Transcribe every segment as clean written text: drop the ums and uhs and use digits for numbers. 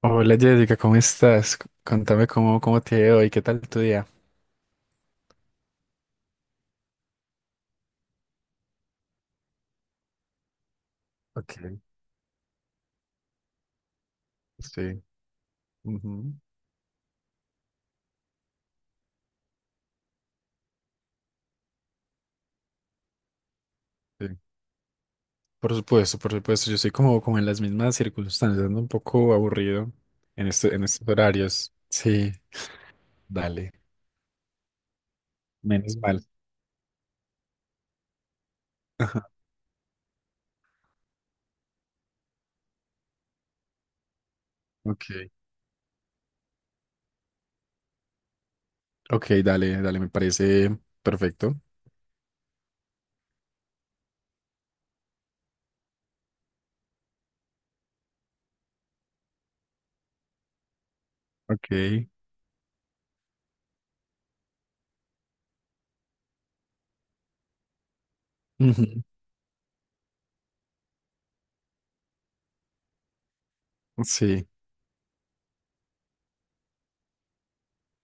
Hola Jessica, ¿cómo estás? Contame cómo te ha ido hoy, qué tal tu día. Ok, sí, ujú, sí. Por supuesto, yo estoy como en las mismas circunstancias, ando un poco aburrido en estos horarios. Sí, dale, menos mal. Ok, ok, dale, dale, me parece perfecto. Ok, ujú, sí,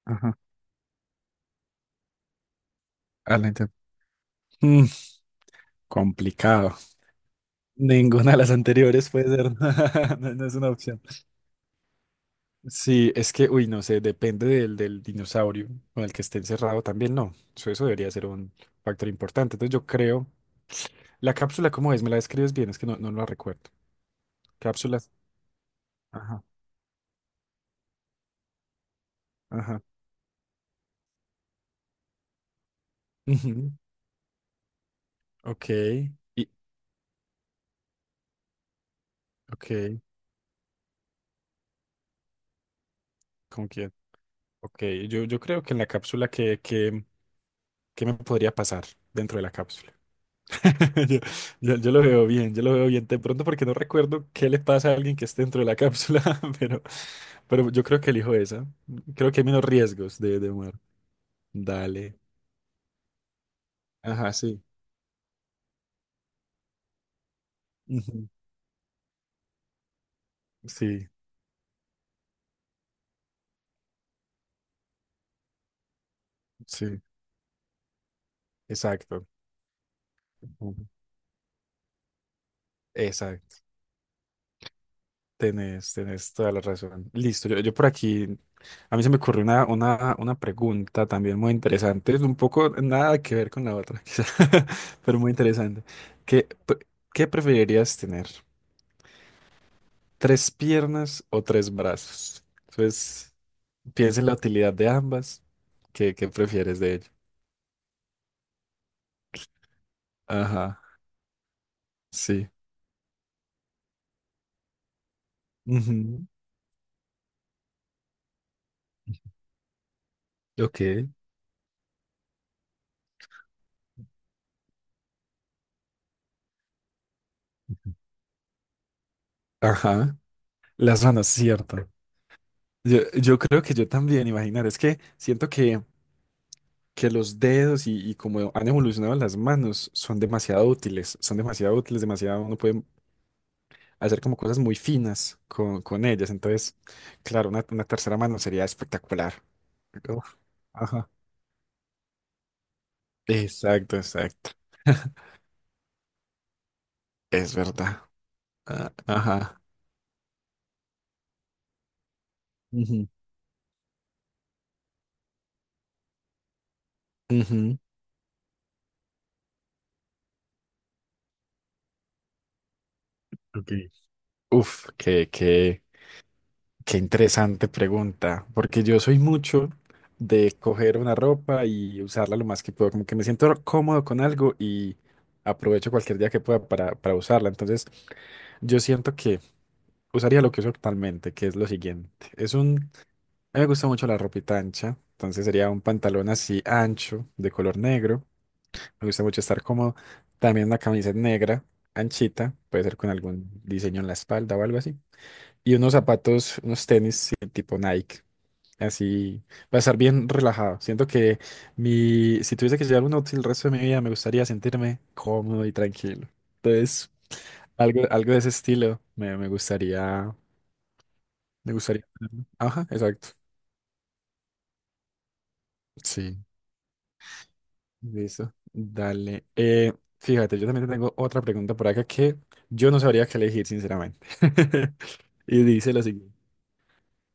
ajá, adelante. Mm, Complicado. Ninguna de las anteriores puede ser, no, no es una opción. Sí, uy, no sé, depende del dinosaurio con el que esté encerrado también, no. Eso debería ser un factor importante. Entonces yo creo, la cápsula, ¿cómo es? ¿Me la describes bien? Es que no, no la recuerdo. Cápsulas. Ajá, ajá. Ujú, ok. Y, ok, ¿con quién? Ok, yo creo que en la cápsula, ¿qué me podría pasar dentro de la cápsula? Yo, yo lo veo bien, yo lo veo bien. De pronto porque no recuerdo qué le pasa a alguien que esté dentro de la cápsula, pero, pero yo creo que elijo esa. Creo que hay menos riesgos de muerte. Dale. Ajá, sí. Ujú. Sí, sí, exacto. Ujú. Exacto. Tenés, tenés toda la razón. Listo, yo por aquí, a mí se me ocurrió una pregunta también muy interesante. Es un poco nada que ver con la otra, quizá, pero muy interesante. ¿Qué, pre- ¿qué preferirías tener? Tres piernas o tres brazos. Entonces, piensa en la utilidad de ambas. ¿Qué prefieres de ello? Ajá, sí. Ujú, ok. Ajá. Las manos, cierto. Yo creo que yo también, imaginar, es que siento que los dedos y como han evolucionado las manos son demasiado útiles, demasiado, uno puede hacer como cosas muy finas con ellas. Entonces, claro, una tercera mano sería espectacular. Uf, ajá. Exacto, exacto. Es verdad. Ah, ajá. Ujú, ujú. Ok. Uf, qué, qué, qué interesante pregunta, porque yo soy mucho de coger una ropa y usarla lo más que puedo, como que me siento cómodo con algo y aprovecho cualquier día que pueda para usarla. Entonces, yo siento que usaría lo que uso actualmente, que es lo siguiente. A mí me gusta mucho la ropita ancha, entonces sería un pantalón así ancho, de color negro. Me gusta mucho estar cómodo. También una camiseta negra, anchita, puede ser con algún diseño en la espalda o algo así. Y unos zapatos, unos tenis sí, tipo Nike. Así, para estar bien relajado. Siento que si tuviese que llevar un outfit el resto de mi vida, me gustaría sentirme cómodo y tranquilo. Entonces, algo, algo de ese estilo me gustaría, me gustaría tenerlo. Ajá, exacto. Sí. Listo, dale. Fíjate, yo también te tengo otra pregunta por acá que yo no sabría qué elegir, sinceramente. Y dice lo siguiente.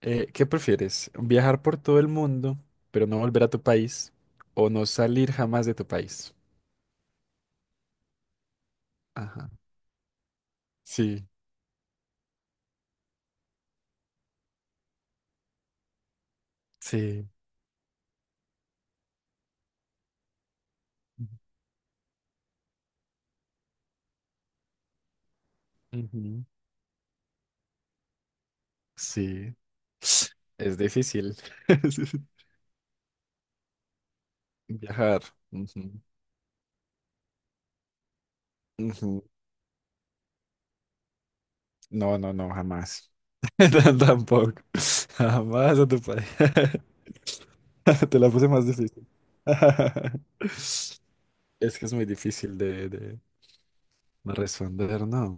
¿Qué prefieres? ¿Viajar por todo el mundo, pero no volver a tu país? ¿O no salir jamás de tu país? Ajá. Sí, sí. Ujú. Sí. Es difícil. Viajar. Ujú. Ujú. No, no, no, jamás. Tampoco. Jamás a tu país. Te la puse más difícil. Es que es muy difícil de responder, ¿no?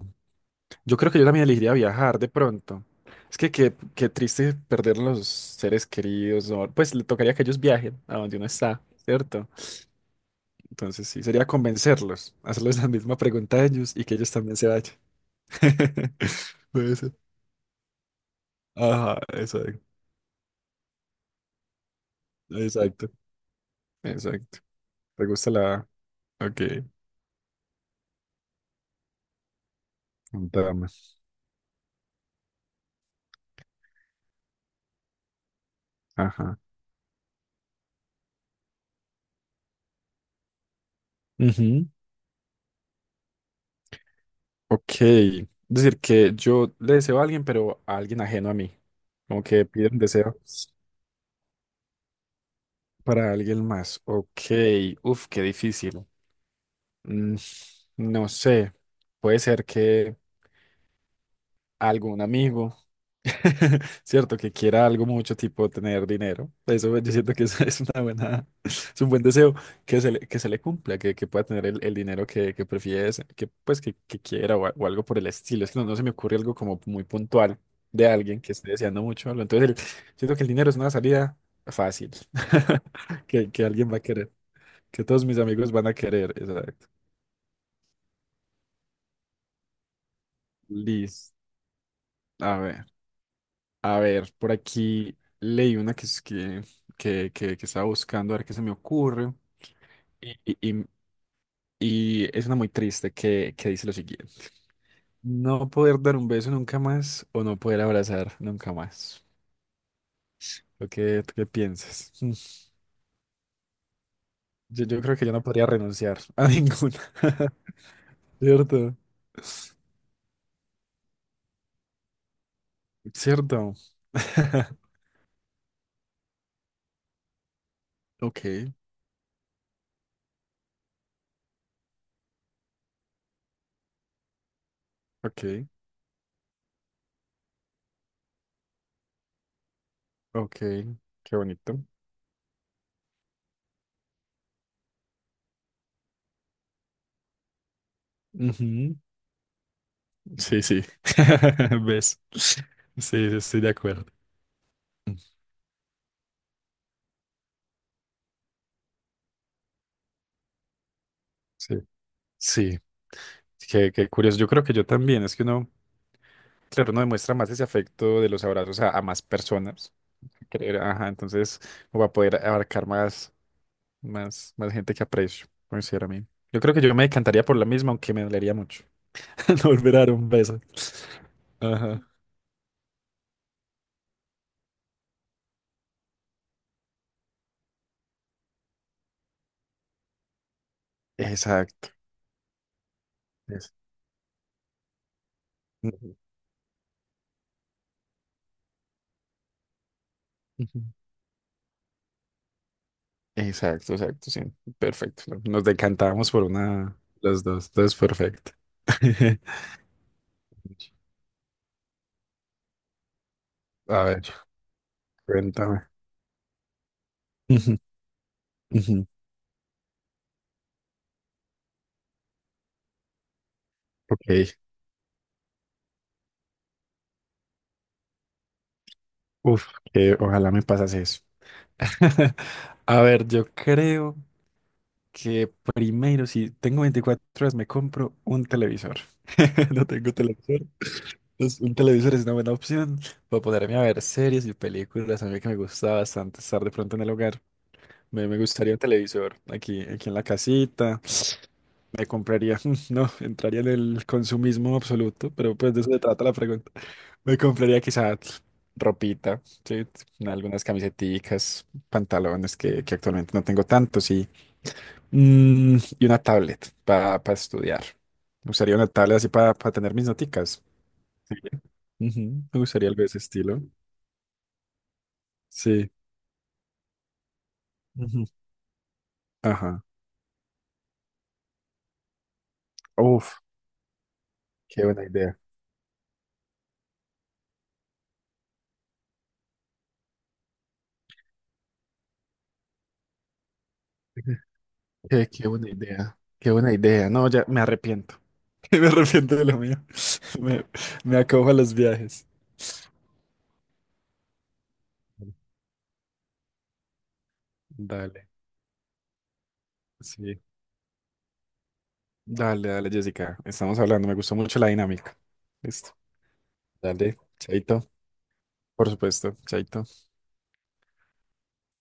Yo creo que yo también elegiría viajar de pronto. Es que qué triste perder los seres queridos. Pues le tocaría que ellos viajen a donde uno está, ¿cierto? Entonces sí, sería convencerlos, hacerles la misma pregunta a ellos y que ellos también se vayan. Puede ser. Ajá, exacto. Exacto. Exacto. ¿Te gusta la...? Ok, un drama. Ajá. Ok, es decir, que yo le deseo a alguien, pero a alguien ajeno a mí. Como que pide un deseo para alguien más. Ok, uf, qué difícil. Mm, no sé, puede ser que... algún amigo, ¿cierto? Que quiera algo mucho tipo tener dinero. Eso yo siento que eso es una buena, es un buen deseo que se le cumpla, que pueda tener el dinero que prefiere, que que quiera o algo por el estilo. Es que no, no se me ocurre algo como muy puntual de alguien que esté deseando mucho algo. Entonces, siento que el dinero es una salida fácil que alguien va a querer, que todos mis amigos van a querer. Exacto. Listo. A ver. A ver, por aquí leí una que, es que estaba buscando, a ver qué se me ocurre. Y, y- y- y es una muy triste que dice lo siguiente. No poder dar un beso nunca más o no poder abrazar nunca más. ¿Lo que, tú qué piensas? Mm, yo creo que yo no podría renunciar a ninguna. ¿Cierto? ¿Cierto? Ok, ok, ok. Qué bonito. Ujú. Sí, sí. ¿Ves? Sí, sí, estoy de acuerdo. Sí. Sí, qué, qué curioso. Yo creo que yo también. Es que uno, claro, uno demuestra más ese afecto de los abrazos a más personas. Creo, ajá, entonces uno va a poder abarcar más, más gente que aprecio, considero a mí. Yo creo que yo me encantaría por la misma, aunque me dolería mucho. No volver a dar un beso. Ajá. Exacto. Es- Ujú. Exacto, exacto, sí. Perfecto. Nos decantábamos por una, los dos. Entonces, perfecto. A ver, cuéntame. Ujú, ujú. Ok. Uf, que ojalá me pasase eso. A ver, yo creo que primero, si tengo 24 horas, me compro un televisor. No tengo televisor. Entonces, un televisor es una buena opción para poderme a ver series y películas. A mí que me gusta bastante estar de pronto en el hogar. Me gustaría un televisor aquí, aquí en la casita. Me compraría, no, entraría en el consumismo absoluto, pero pues de eso se trata la pregunta. Me compraría quizás ropita, sí, algunas camiseticas, pantalones que actualmente no tengo tantos y, mm, y una tablet para estudiar. Me gustaría una tablet así para tener mis noticas. Sí. Ujú, me gustaría algo de ese estilo. Sí. Ujú. Ajá. Uf, qué buena idea. Qué, qué buena idea, qué buena idea. No, ya me arrepiento. Me arrepiento de lo mío. Me, Me acojo a los viajes. Dale, sí. Dale, dale, Jessica. Estamos hablando. Me gustó mucho la dinámica. Listo. Dale, chaito. Por supuesto, chaito.